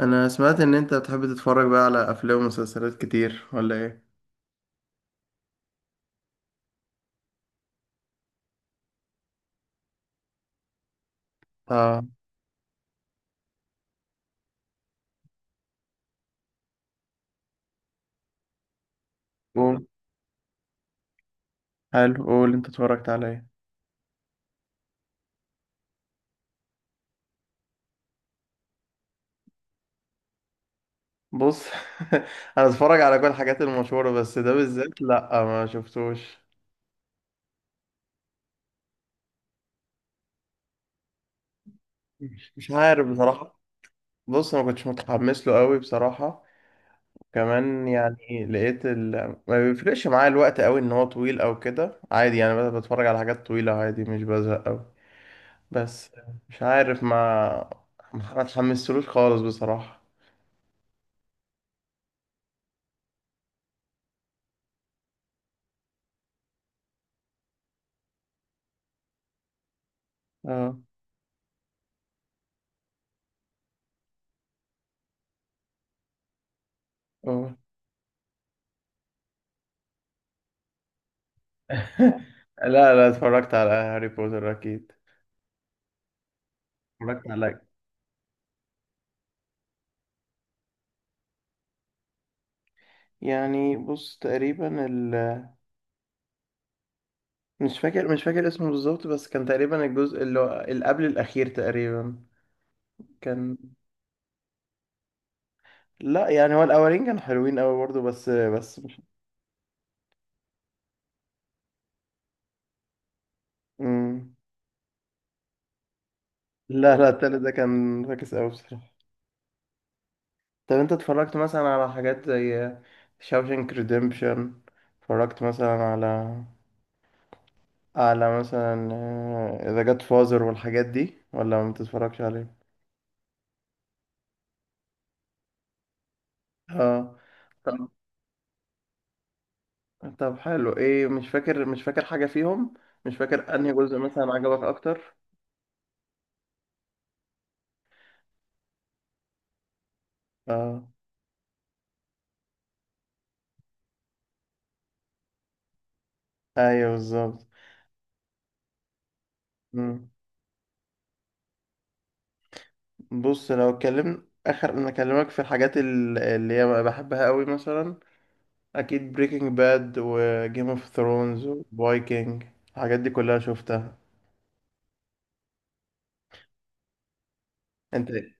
انا سمعت ان انت بتحب تتفرج بقى على افلام ومسلسلات كتير ولا ايه؟ اه. قول. حلو، قول انت اتفرجت على ايه؟ بص، انا اتفرج على كل الحاجات المشهوره، بس ده بالذات لا، ما شفتوش. مش عارف بصراحه. بص، ما كنتش متحمس له قوي بصراحه. كمان يعني لقيت ال... ما بيفرقش معايا الوقت قوي ان هو طويل او كده، عادي يعني، بس بتفرج على حاجات طويله عادي، مش بزهق قوي. بس. مش عارف، ما اتحمستلوش خالص بصراحه. اه، اه. لا لا، اتفرجت على هاري بوتر اكيد. اتفرجت على، يعني بص تقريبا ال... مش فاكر اسمه بالظبط، بس كان تقريبا الجزء اللي هو اللي قبل الأخير تقريبا. كان... لا، يعني هو الأولين كانوا حلوين أوي برضه، بس مش... مم. لا لا، التالت ده كان فاكس أوي بصراحة. طب أنت اتفرجت مثلا على حاجات زي شاوشنك ريديمبشن؟ اتفرجت مثلا على مثلا ذا جاد فازر والحاجات دي ولا ما بتتفرجش؟ اه. طب طب حلو، ايه؟ مش فاكر حاجة فيهم. مش فاكر انهي جزء مثلا عجبك اكتر. اه، ايوه بالظبط. مم. بص، لو اتكلمنا اخر انا اكلمك في الحاجات اللي هي بقى بحبها قوي، مثلا اكيد بريكنج باد وجيم اوف ثرونز وفايكنج. الحاجات دي كلها شفتها. انت إيه؟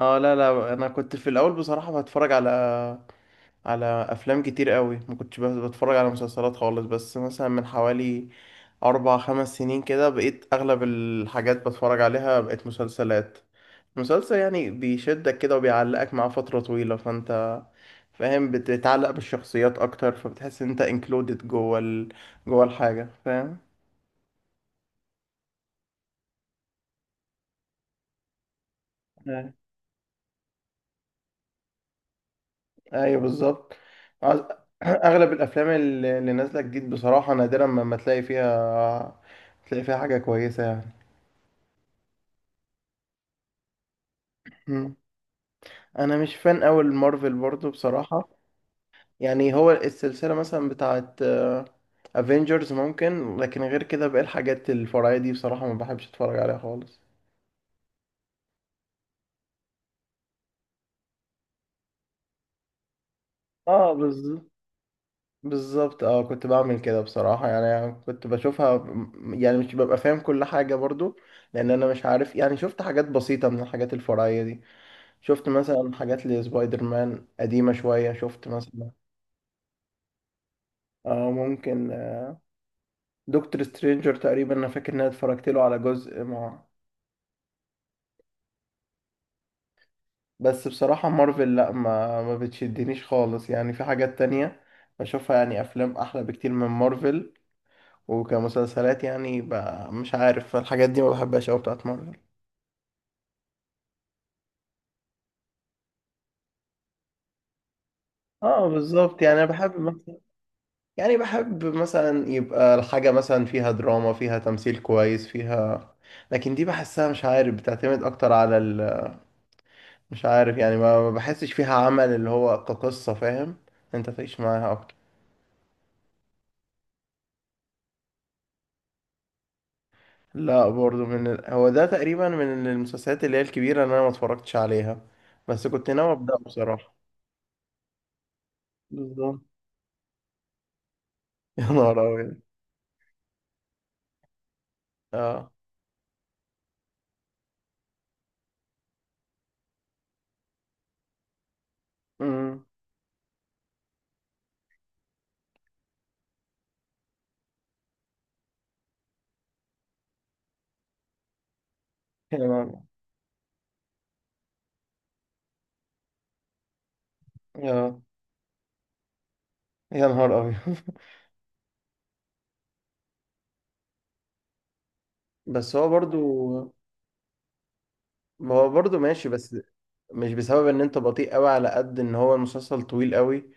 اه، لا لا، انا كنت في الاول بصراحة بتفرج على افلام كتير قوي. ما كنتش بس بتفرج على مسلسلات خالص، بس مثلا من حوالي 4 5 سنين كده بقيت اغلب الحاجات بتفرج عليها بقت مسلسلات. مسلسل يعني بيشدك كده وبيعلقك معاه فترة طويلة، فانت فاهم، بتتعلق بالشخصيات اكتر فبتحس ان انت انكلودed جوه ال... جوه الحاجة، فاهم. آه. ايوه بالظبط. عاوز- اغلب الافلام اللي نازلة جديد بصراحة نادرا ما تلاقي فيها، تلاقي فيها حاجة كويسة. يعني انا مش فان قوي المارفل برضو بصراحة. يعني هو السلسلة مثلا بتاعت افنجرز ممكن، لكن غير كده باقي الحاجات الفرعية دي بصراحة ما بحبش اتفرج عليها خالص. اه بالظبط بالظبط. اه كنت بعمل كده بصراحة، يعني كنت بشوفها يعني مش ببقى فاهم كل حاجة برضو. لان انا مش عارف يعني، شفت حاجات بسيطة من الحاجات الفرعية دي. شفت مثلا حاجات لسبايدر مان قديمة شوية، شفت مثلا اه ممكن، دكتور سترينجر تقريبا انا فاكر ان انا اتفرجت له على جزء، مع بس بصراحة مارفل لا، ما بتشدنيش خالص يعني. في حاجات تانية بشوفها يعني، أفلام أحلى بكتير من مارفل. وكمسلسلات يعني مش عارف، الحاجات دي ما بحبهاش أوي بتاعت مارفل. اه بالظبط، يعني أنا بحب مثلا، يعني بحب مثلا يبقى الحاجة مثلا فيها دراما، فيها تمثيل كويس، فيها... لكن دي بحسها مش عارف، بتعتمد أكتر على ال... مش عارف يعني ما بحسش فيها عمل اللي هو كقصة، فاهم، أنت تعيش معاها أكتر. لا، برضو من ال... هو ده تقريبا من المسلسلات اللي هي الكبيرة اللي انا ما اتفرجتش عليها، بس كنت ناوي ابدأ بصراحة. بالظبط. يا نهار ابيض. اه. امم يا نهار، يا يا نهار ابيض. بس هو برضو. ما هو برضو ماشي، بس مش بسبب ان انت بطيء قوي على قد ان هو المسلسل طويل قوي،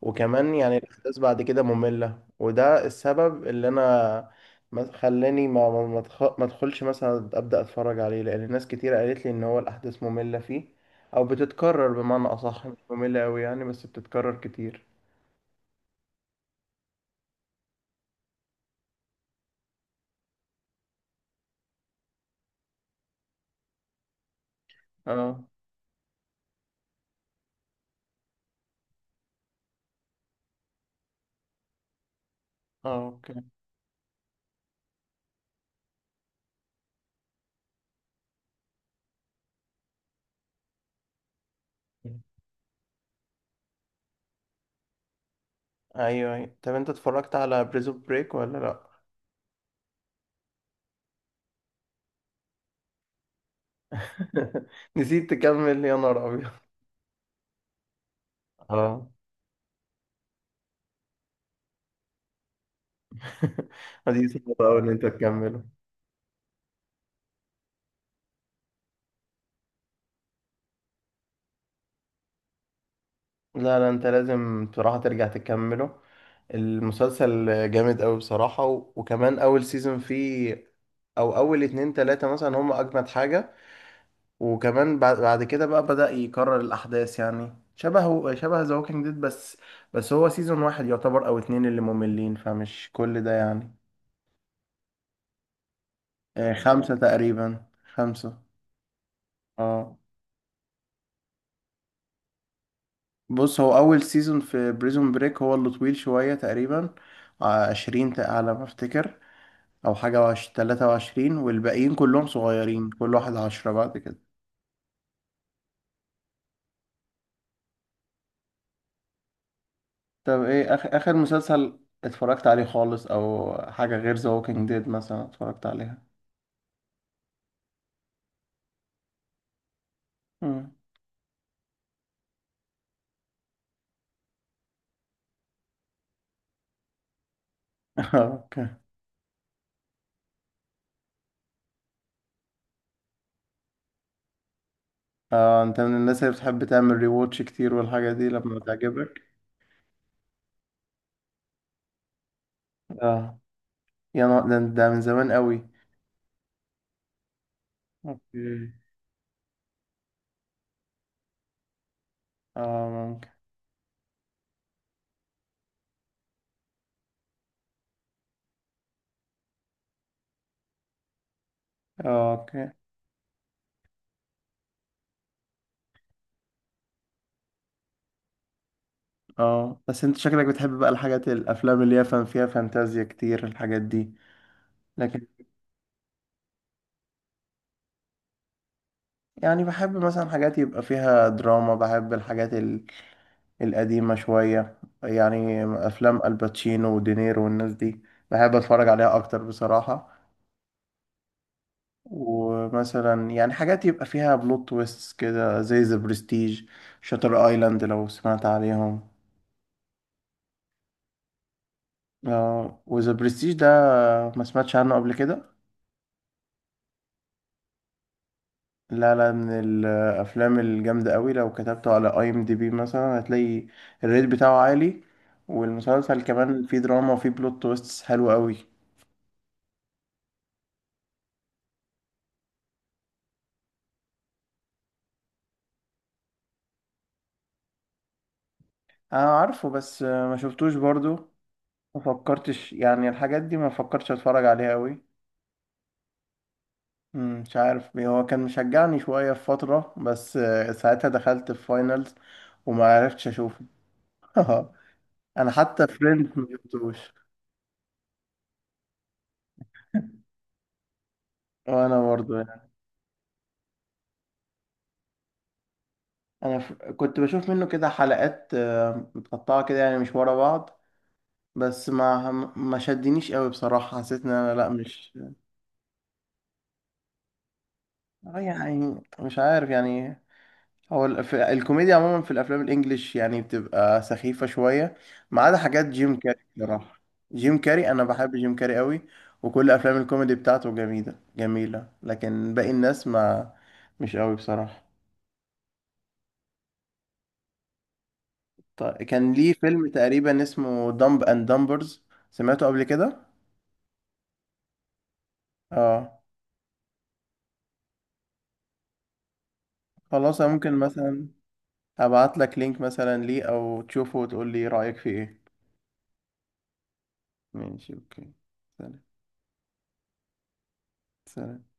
وكمان يعني الأحداث بعد كده مملة، وده السبب اللي أنا خلاني ما أدخلش مثلا أبدأ أتفرج عليه، لأن ناس كتير قالت لي إن هو الأحداث مملة فيه، أو بتتكرر بمعنى أصح، مش مملة أوي يعني بس بتتكرر كتير. اه. اه اوكي. ايوه أيوة. طب انت اتفرجت على بريزون بريك ولا لا؟ نسيت تكمل، يا نهار ابيض. اه. دي صعبة أوي إن أنت تكمله. لا لا، انت لازم بصراحة ترجع تكمله، المسلسل جامد قوي بصراحة. و... وكمان اول سيزون فيه، او اول اتنين تلاتة مثلا هم اجمد حاجة. وكمان بعد كده بقى بدأ يكرر الاحداث، يعني شبه شبه ذا ووكينج ديد، بس هو سيزون واحد يعتبر او اتنين اللي مملين، فمش كل ده يعني. خمسة تقريبا. خمسة. اه. بص هو اول سيزون في بريزون بريك هو اللي طويل شوية، تقريبا 20 على ما افتكر، او حاجة 23، والباقيين كلهم صغيرين، كل واحد 10 بعد كده. طب ايه اخر مسلسل اتفرجت عليه خالص او حاجة غير ذا ووكينج ديد مثلا اتفرجت عليها؟ مم. اوكي. اه انت من الناس اللي بتحب تعمل ريواتش كتير والحاجة دي لما تعجبك. اه. يا نهار ده من زمان قوي. اوكي. اه ممكن. اه اوكي. اه بس انت شكلك بتحب بقى الحاجات، الافلام اللي هي فان فيها فانتازيا كتير الحاجات دي، لكن... يعني بحب مثلا حاجات يبقى فيها دراما، بحب الحاجات القديمة شوية، يعني أفلام الباتشينو ودينيرو والناس دي بحب أتفرج عليها أكتر بصراحة. ومثلا يعني حاجات يبقى فيها بلوت تويست كده، زي ذا برستيج، شاتر ايلاند، لو سمعت عليهم. آه، وذا برستيج ده ما سمعتش عنه قبل كده؟ لا لا، من الافلام الجامده قوي، لو كتبته على IMDB مثلا هتلاقي الريت بتاعه عالي، والمسلسل كمان فيه دراما وفيه بلوت تويستس حلو قوي. انا عارفه بس ما شفتوش برضو. ما فكرتش يعني الحاجات دي ما فكرتش اتفرج عليها قوي. مش عارف، هو كان مشجعني شويه في فتره، بس ساعتها دخلت في فاينلز وما عرفتش اشوفه. انا حتى فريندز ما شفتوش. وانا برضو. انا كنت بشوف منه كده حلقات متقطعه كده، يعني مش ورا بعض، بس ما شدنيش قوي بصراحه. حسيت ان انا لا، مش... يعني مش عارف، يعني هو الكوميديا عموما في الافلام الانجليش يعني بتبقى سخيفه شويه، ما عدا حاجات جيم كاري بصراحه. جيم كاري، انا بحب جيم كاري قوي. وكل افلام الكوميدي بتاعته جميله جميله، لكن باقي الناس ما... مش قوي بصراحه. طيب، كان ليه فيلم تقريبا اسمه دمب اند دمبرز، سمعته قبل كده؟ اه. خلاص، انا ممكن مثلا ابعت لك لينك مثلا ليه، او تشوفه وتقول لي رأيك فيه ايه. ماشي، اوكي. سلام. سلام.